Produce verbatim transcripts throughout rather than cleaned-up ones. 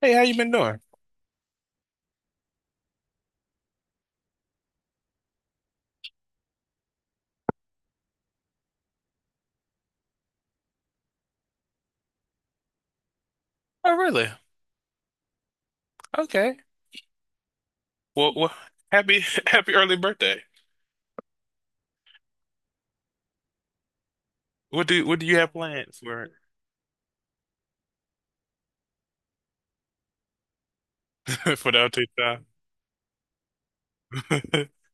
Hey, how you been doing? Oh, really? Okay. Well, well, happy happy early birthday. What do what do you have planned for for the update time?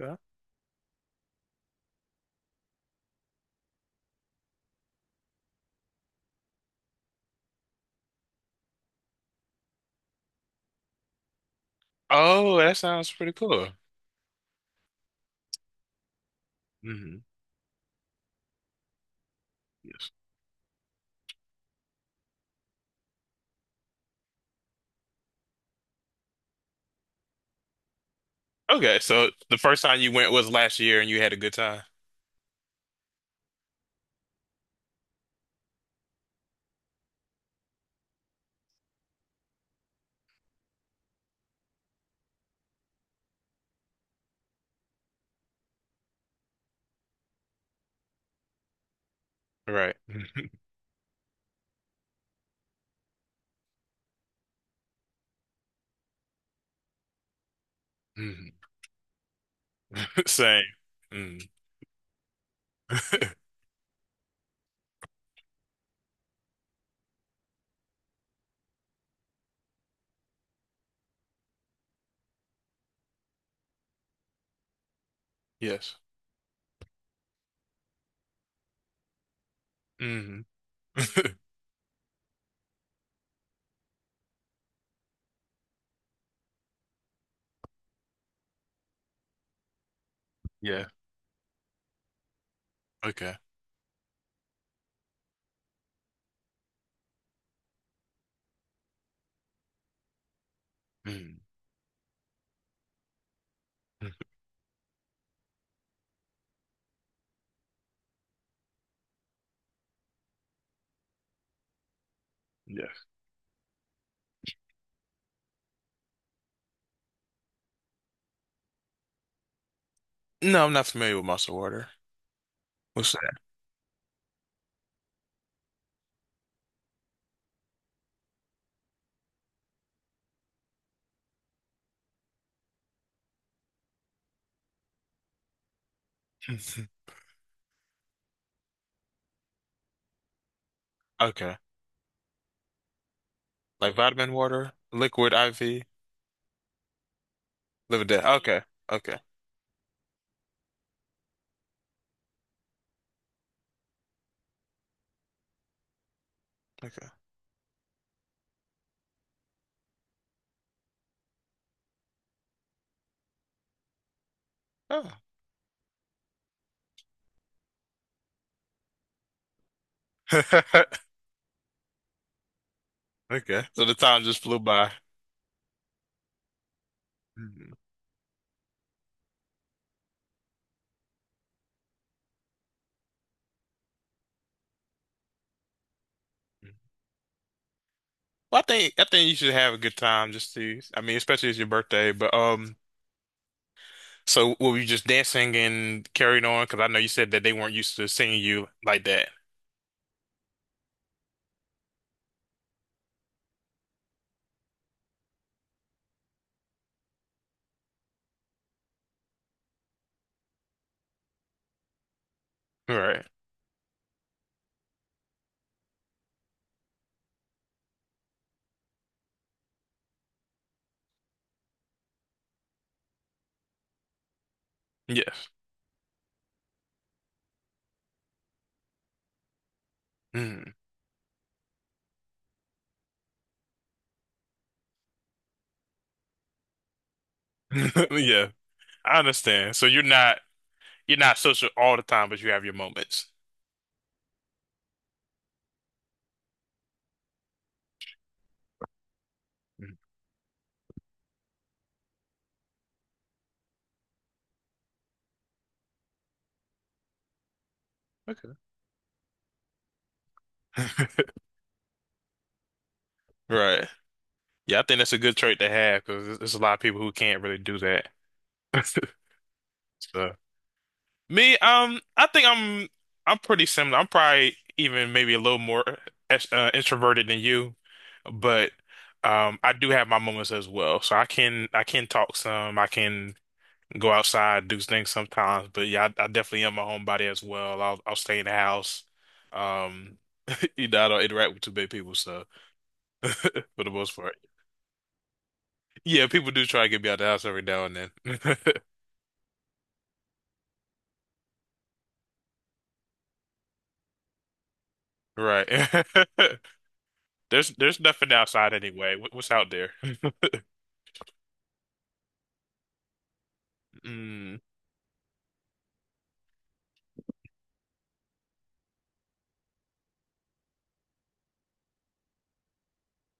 Okay. Oh, that sounds pretty cool. Hmm. Yes. Okay, so the first time you went was last year, and you had a good time. Right. Mhm. Same. Mm. Yes. Hmm. Yeah. Okay. Mm. Yes. No, I'm not familiar with muscle water. What's that? Okay. Like vitamin water, liquid I V. Live Living Dead. Okay. Okay. Okay. Oh. Okay. So the time just flew by. Mhm. Well, I think I think you should have a good time just to I mean, especially it's your birthday, but um so were you just dancing and carried on? Because I know you said that they weren't used to seeing you like that. Right. Yes. Mhm. Yeah. I understand. So you're not you're not social all the time, but you have your moments. Mhm. Okay. Right. Yeah, I think that's a good trait to have because there's there's a lot of people who can't really do that. So me, um, I think I'm I'm pretty similar. I'm probably even maybe a little more ex- uh, introverted than you, but um, I do have my moments as well. So I can I can talk some. I can go outside, do things sometimes. But yeah, I, I definitely am a homebody as well. I'll I'll stay in the house. Um, you know, I don't interact with too many people, so for the most part, yeah, people do try to get me out of the house every now and then. Right. There's there's nothing outside anyway. What, what's out there? Mm,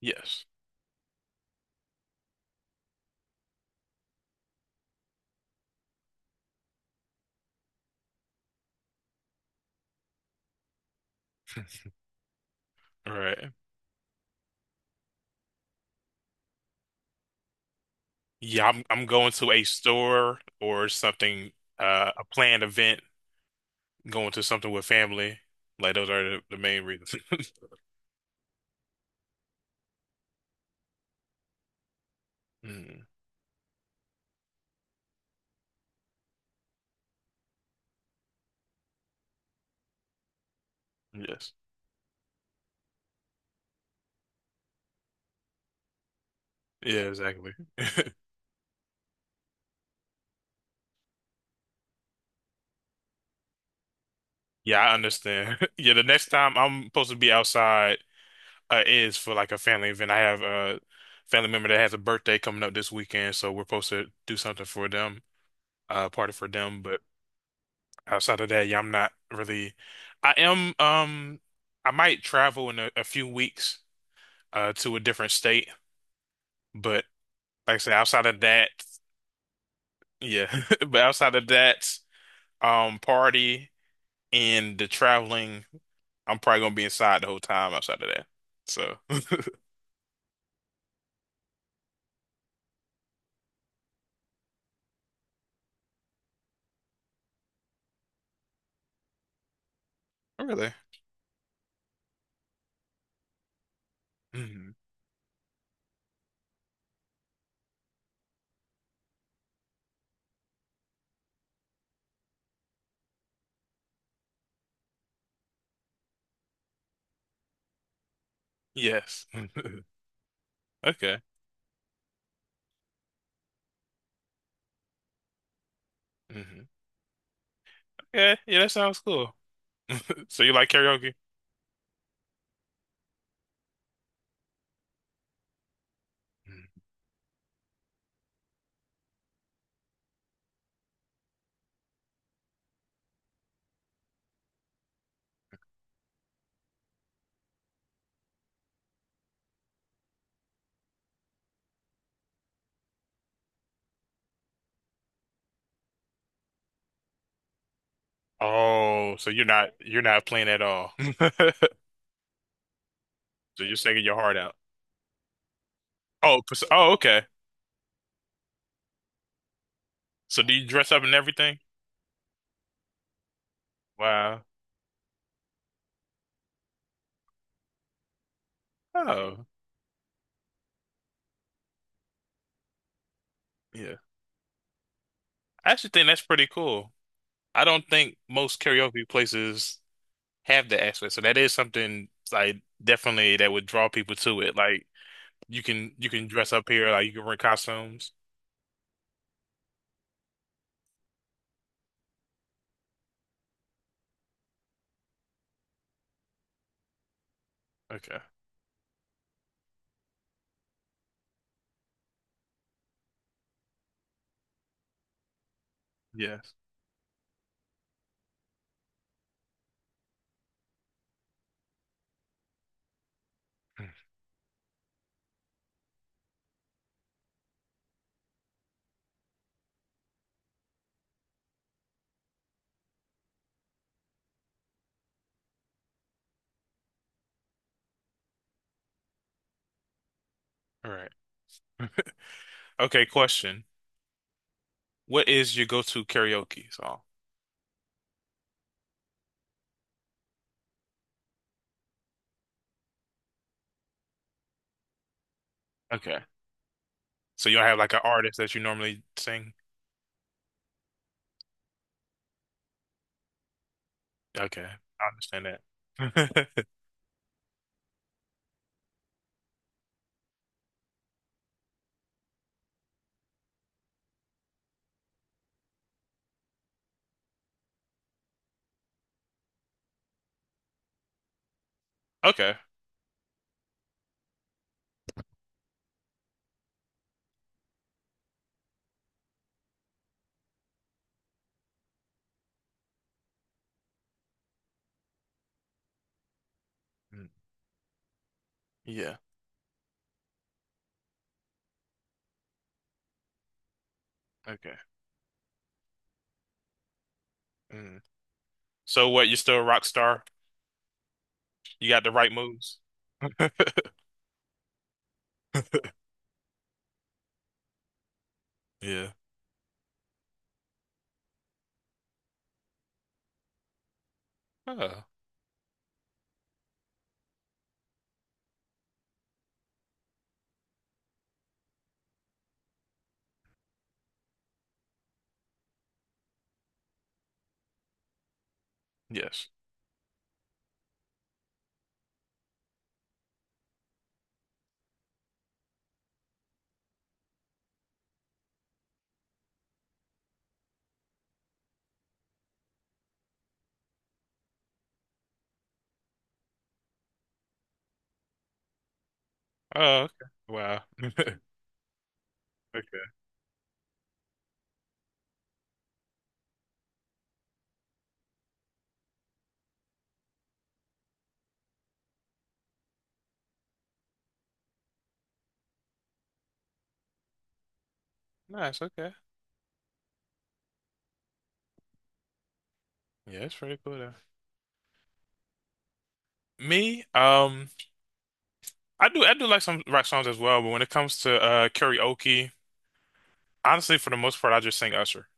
yes. All right. Yeah, I'm I'm going to a store or something, uh, a planned event, going to something with family. Like those are the, the main reasons. Mm, yes. Yeah, exactly. Yeah, I understand. Yeah, the next time I'm supposed to be outside uh, is for like a family event. I have a family member that has a birthday coming up this weekend, so we're supposed to do something for them, uh, party for them. But. Outside of that, yeah, I'm not really. I am. Um, I might travel in a, a few weeks, uh, to a different state, but like I said, outside of that, yeah. But outside of that, um, party and the traveling, I'm probably gonna be inside the whole time. Outside of that, so really, hmm yes, okay, hmm okay, yeah, that sounds cool. So you like karaoke? Mhm. Oh, so you're not you're not playing at all. So you're singing your heart out. Oh, pers- oh, okay. So do you dress up and everything? Wow. Oh, yeah. I actually think that's pretty cool. I don't think most karaoke places have that aspect, so that is something like definitely that would draw people to it. Like you can you can dress up here, like you can wear costumes. Okay. Yes. Hmm. All right. Okay, question. What is your go-to karaoke song? Okay. So you don't have like an artist that you normally sing? Okay. I understand that. Okay. Mm. Yeah. Okay. Mm. So what, you are still a rock star? You got the right moves? Yeah. Oh, yes. Oh, okay. Wow. Okay. Nice. Okay. Yeah, it's pretty cool though. Me, um, I do I do like some rock songs as well, but when it comes to uh karaoke, honestly, for the most part, I just sing Usher.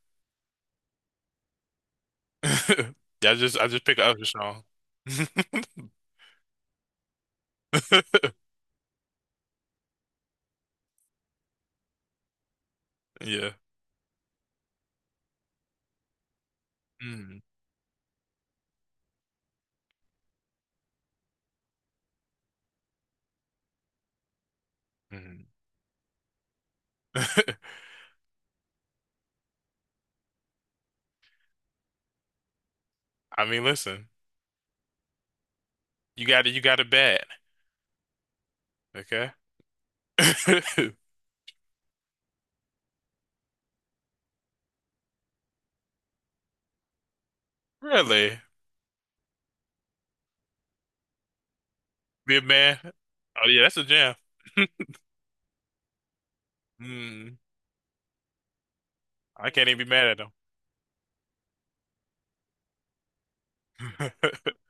Yeah, I just I just pick an Usher song. Yeah. Mm, mm. I mean, listen, you got it. You got it bad. Okay. Really? Big man. Oh yeah, that's a jam. Mm, I can't even be mad at them.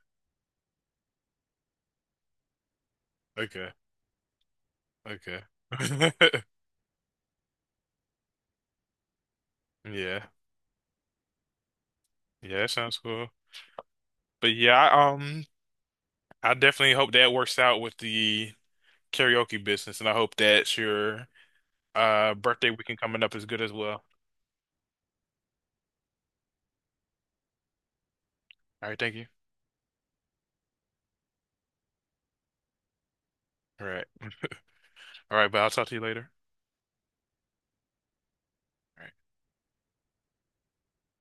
Okay, okay. Yeah, yeah, that sounds cool. But yeah, I, um, I definitely hope that works out with the karaoke business, and I hope that your uh birthday weekend coming up is good as well. All right, thank you. All right, all right, but I'll talk to you later. All right.